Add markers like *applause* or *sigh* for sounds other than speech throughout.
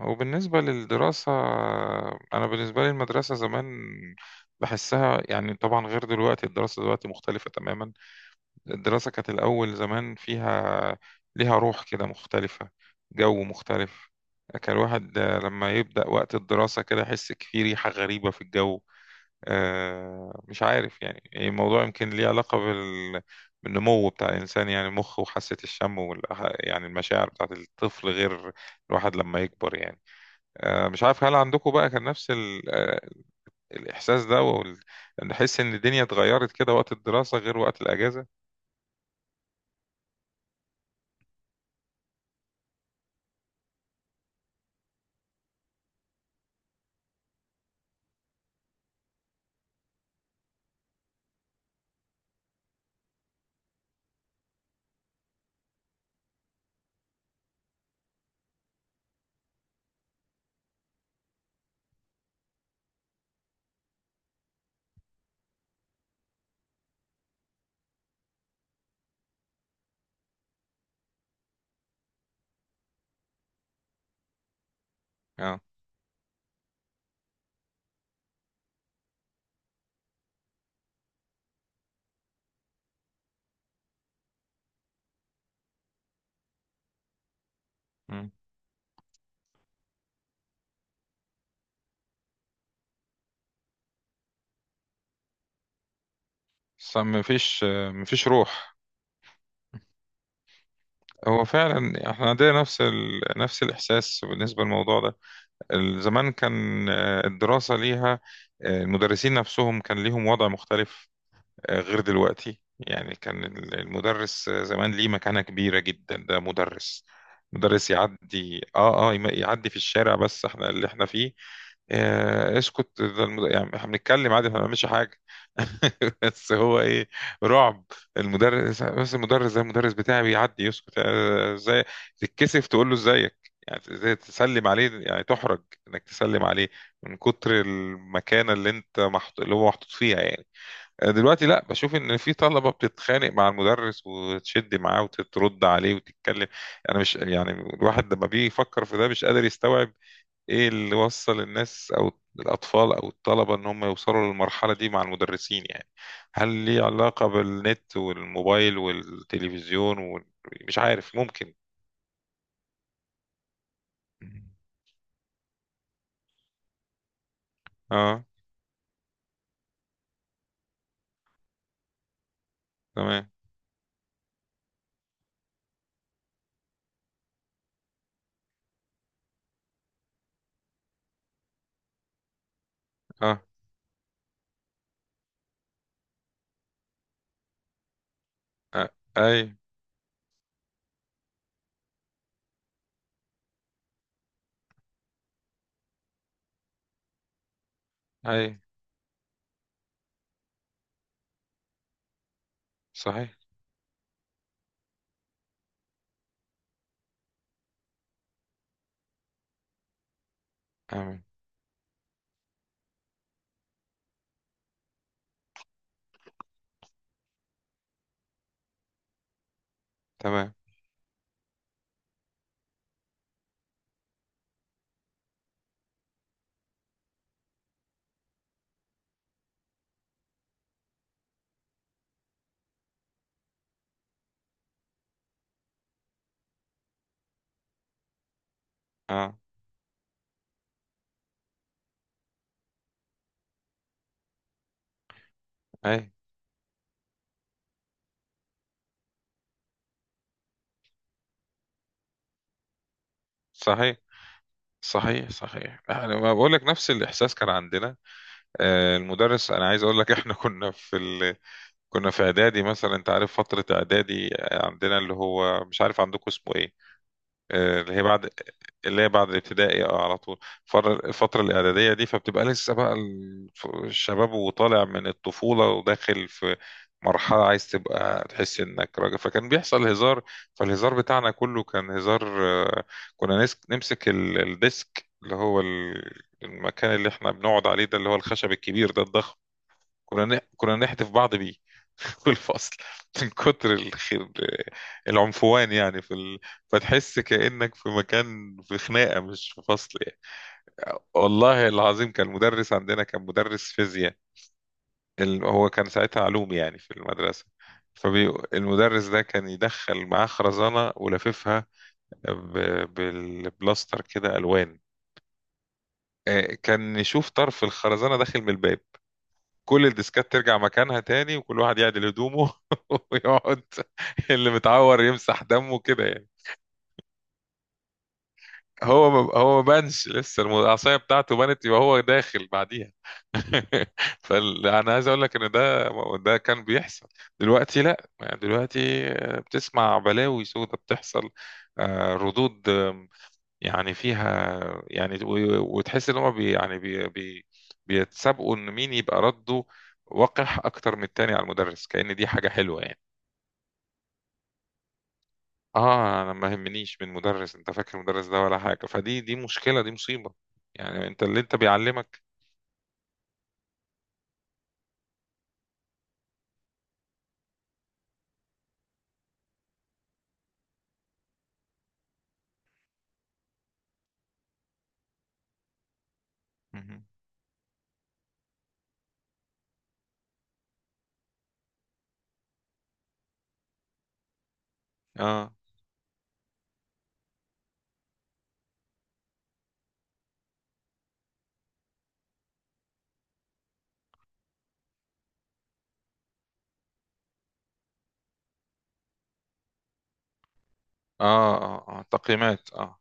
وبالنسبة للدراسة، أنا بالنسبة لي المدرسة زمان بحسها يعني طبعا غير دلوقتي. الدراسة دلوقتي مختلفة تماما. الدراسة كانت الأول زمان فيها، ليها روح كده مختلفة، جو مختلف. كان الواحد لما يبدأ وقت الدراسة كده يحس في ريحة غريبة في الجو. مش عارف يعني الموضوع يمكن ليه علاقة بالنمو بتاع الإنسان، يعني المخ وحاسة الشم يعني المشاعر بتاعت الطفل غير الواحد لما يكبر يعني. مش عارف هل عندكم بقى كان نفس الإحساس ده نحس إن الدنيا اتغيرت كده، وقت الدراسة غير وقت الأجازة. اه. مم. بس مفيش، مفيش روح. هو فعلا احنا عندنا نفس نفس الإحساس بالنسبة للموضوع ده. زمان كان، الدراسة ليها، المدرسين نفسهم كان ليهم وضع مختلف، غير دلوقتي. يعني كان المدرس زمان ليه مكانة كبيرة جدا. ده مدرس، مدرس يعدي يعدي في الشارع، بس احنا اللي احنا فيه، آه اسكت يعني احنا بنتكلم عادي، احنا ما بنعملش حاجة. *laughs* بس هو ايه، رعب. المدرس، بس المدرس ده المدرس بتاعي بيعدي، يسكت. ازاي تتكسف تقول له ازيك، يعني ازاي تسلم عليه، يعني تحرج انك تسلم عليه من كتر المكانة اللي اللي هو محطوط فيها يعني. دلوقتي لا، بشوف ان في طلبه بتتخانق مع المدرس وتشد معاه وترد عليه وتتكلم. انا مش، يعني الواحد لما بيجي يفكر في ده مش قادر يستوعب ايه اللي وصل الناس او الاطفال او الطلبه ان هم يوصلوا للمرحله دي مع المدرسين يعني. هل ليه علاقه بالنت والموبايل والتلفزيون ومش عارف، ممكن. اه. تمام. اه, آه. اي. اي. صحيح. آمين. تمام. اه. اي. صحيح. صحيح، انا ما بقول لك نفس الاحساس كان عندنا. المدرس، انا عايز اقول لك احنا *laughs* كنا في كنا في اعدادي مثلا، انت عارف فتره اعدادي، عندنا اللي هو، مش عارف عندكم اسمه ايه، اللي هي بعد، اللي هي بعد الابتدائي اه على طول. الفترة الإعدادية دي فبتبقى لسه بقى الشباب وطالع من الطفولة وداخل في مرحلة عايز تبقى تحس إنك راجل، فكان بيحصل هزار. فالهزار بتاعنا كله كان هزار. كنا نمسك الديسك، اللي هو المكان اللي احنا بنقعد عليه ده، اللي هو الخشب الكبير ده الضخم، كنا نحدف بعض بيه *laughs* في الفصل، من كتر الخير، العنفوان يعني في فتحس كأنك في مكان، في خناقة مش في فصل يعني. والله العظيم كان المدرس عندنا كان مدرس فيزياء، هو كان ساعتها علوم يعني في المدرسة. فالمدرس ده كان يدخل معاه خرزانة ولففها ب... بالبلاستر كده ألوان. كان يشوف طرف الخرزانة داخل من الباب، كل الديسكات ترجع مكانها تاني، وكل واحد يعدل هدومه *laughs* ويقعد، اللي متعور يمسح دمه كده يعني. هو ما ما بانش لسه، العصايه بتاعته بانت، يبقى هو داخل بعديها. *laughs* فانا عايز اقول لك ان ده، ده كان بيحصل. دلوقتي لا، يعني دلوقتي بتسمع بلاوي سودة بتحصل. ردود يعني فيها يعني، وتحس ان هم بي يعني بي بي بيتسابقوا ان مين يبقى رده وقح اكتر من التاني على المدرس، كأن دي حاجة حلوة يعني. اه، انا ما يهمنيش من مدرس، انت فاكر المدرس ده ولا حاجة؟ دي مشكلة، دي مصيبة يعني. انت اللي انت بيعلمك. مهم. اه. اه. آه. تقييمات. اه.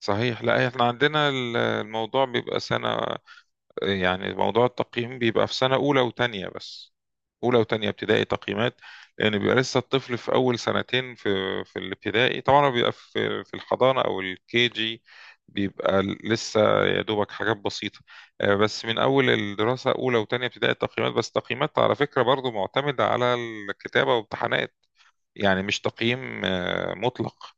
صحيح. لا، احنا عندنا الموضوع بيبقى سنة، يعني موضوع التقييم بيبقى في سنة أولى وتانية بس، أولى وتانية ابتدائي تقييمات. لأن بيبقى لسه الطفل في أول سنتين في في الابتدائي، طبعا هو بيبقى في في الحضانة أو الكي جي، بيبقى لسه يا دوبك حاجات بسيطة. بس من أول الدراسة أولى وتانية ابتدائي التقييمات. بس التقييمات على فكرة برضو معتمدة على الكتابة وامتحانات، يعني مش تقييم مطلق.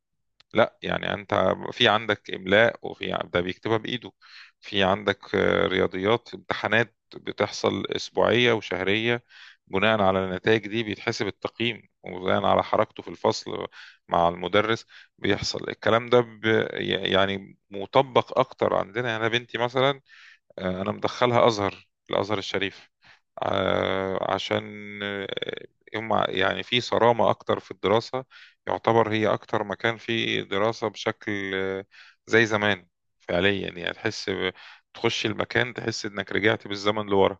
لا، يعني انت في عندك املاء، وفي ده بيكتبها بايده، في عندك رياضيات، امتحانات بتحصل اسبوعيه وشهريه، بناء على النتائج دي بيتحسب التقييم، وبناء على حركته في الفصل مع المدرس بيحصل الكلام ده. يعني مطبق اكتر عندنا. يعني انا بنتي مثلا، انا مدخلها ازهر، الازهر الشريف، عشان، آه، هم يعني في صرامة اكتر في الدراسة، يعتبر هي اكتر مكان فيه دراسة بشكل زي زمان فعليا. يعني تحس تخش المكان تحس انك رجعت بالزمن لورا.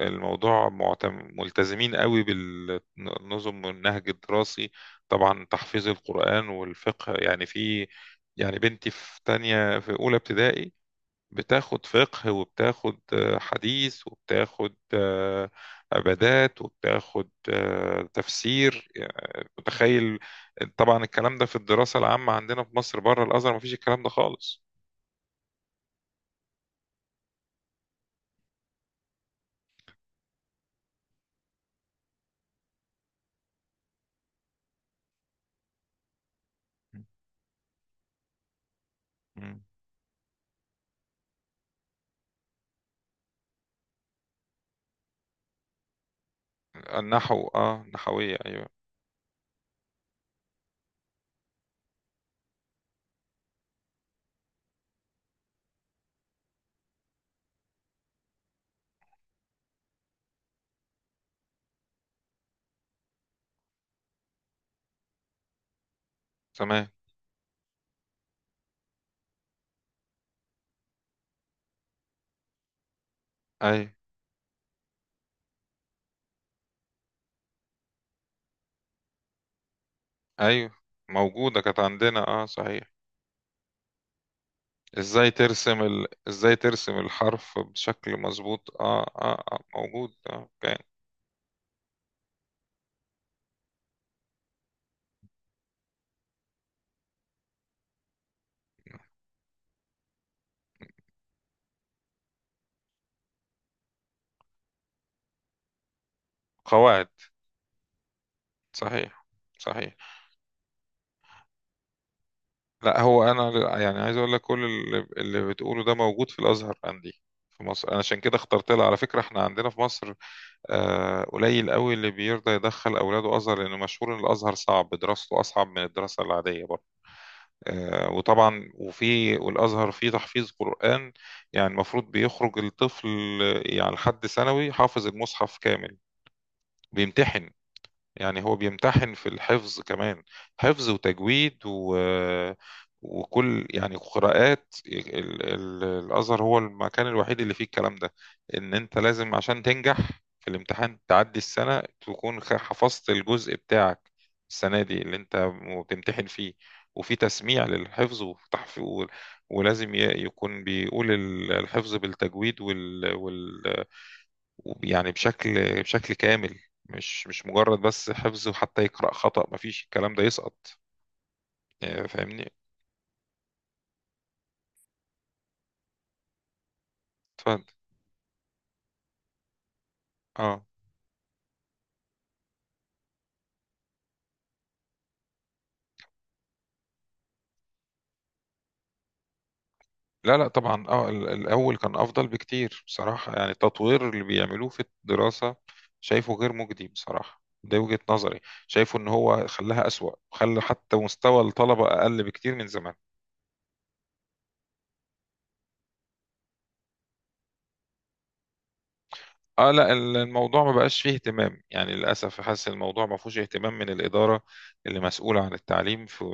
الموضوع ملتزمين قوي بالنظم والنهج الدراسي، طبعا تحفيظ القرآن والفقه. يعني في، يعني بنتي في تانية، في أولى ابتدائي بتاخد فقه، وبتاخد حديث، وبتاخد عبادات، وبتاخد تفسير، يعني متخيل. طبعا الكلام ده في الدراسة العامة عندنا في مصر بره الأزهر مفيش الكلام ده خالص. مم. النحو، اه، نحوية، ايوه. تمام. ايوه. ايوه موجودة كانت عندنا اه صحيح. ازاي ترسم ازاي ترسم الحرف بشكل مظبوط، اه، آه. موجود اه كان. قواعد. صحيح. صحيح. لا، هو انا يعني عايز اقول لك، كل اللي بتقوله ده موجود في الازهر عندي في مصر. انا عشان كده اخترت لها. على فكره احنا عندنا في مصر قليل قوي اللي بيرضى يدخل اولاده ازهر، لانه مشهور ان الازهر صعب، دراسته اصعب من الدراسه العاديه برضه. وطبعا والازهر فيه تحفيظ قران، يعني المفروض بيخرج الطفل يعني لحد ثانوي حافظ المصحف كامل. بيمتحن، يعني هو بيمتحن في الحفظ كمان، حفظ وتجويد وكل يعني قراءات. الأزهر هو المكان الوحيد اللي فيه الكلام ده، إن أنت لازم عشان تنجح في الامتحان تعدي السنة تكون حفظت الجزء بتاعك السنة دي اللي أنت بتمتحن فيه. وفي تسميع للحفظ وتحفيظ، ولازم يكون بيقول الحفظ بالتجويد يعني بشكل، بشكل كامل، مش مجرد بس حفظ، وحتى يقرأ خطأ مفيش الكلام ده، يسقط. فاهمني. اتفضل. اه. لا لا، طبعا اه الاول كان افضل بكتير بصراحة. يعني التطوير اللي بيعملوه في الدراسة شايفه غير مجدي بصراحة، ده وجهة نظري. شايفه ان هو خلاها اسوأ، خلى حتى مستوى الطلبة اقل بكتير من زمان. اه، لا الموضوع ما بقاش فيه اهتمام يعني للاسف. حاسس الموضوع ما فيهوش اهتمام من الاداره اللي مسؤوله عن التعليم في،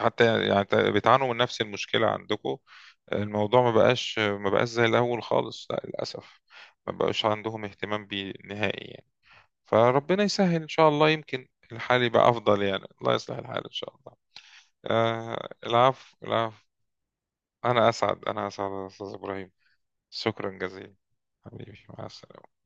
حتى يعني بتعانوا من نفس المشكله عندكم. الموضوع ما بقاش، زي الاول خالص، لا للاسف. ما بقاش عندهم اهتمام بيه نهائي يعني. فربنا يسهل ان شاء الله، يمكن الحال يبقى افضل، يعني الله يصلح الحال ان شاء الله. آه، العفو، العفو. انا اسعد، انا اسعد يا استاذ ابراهيم. شكرا جزيلا. حبيبي مع السلامه.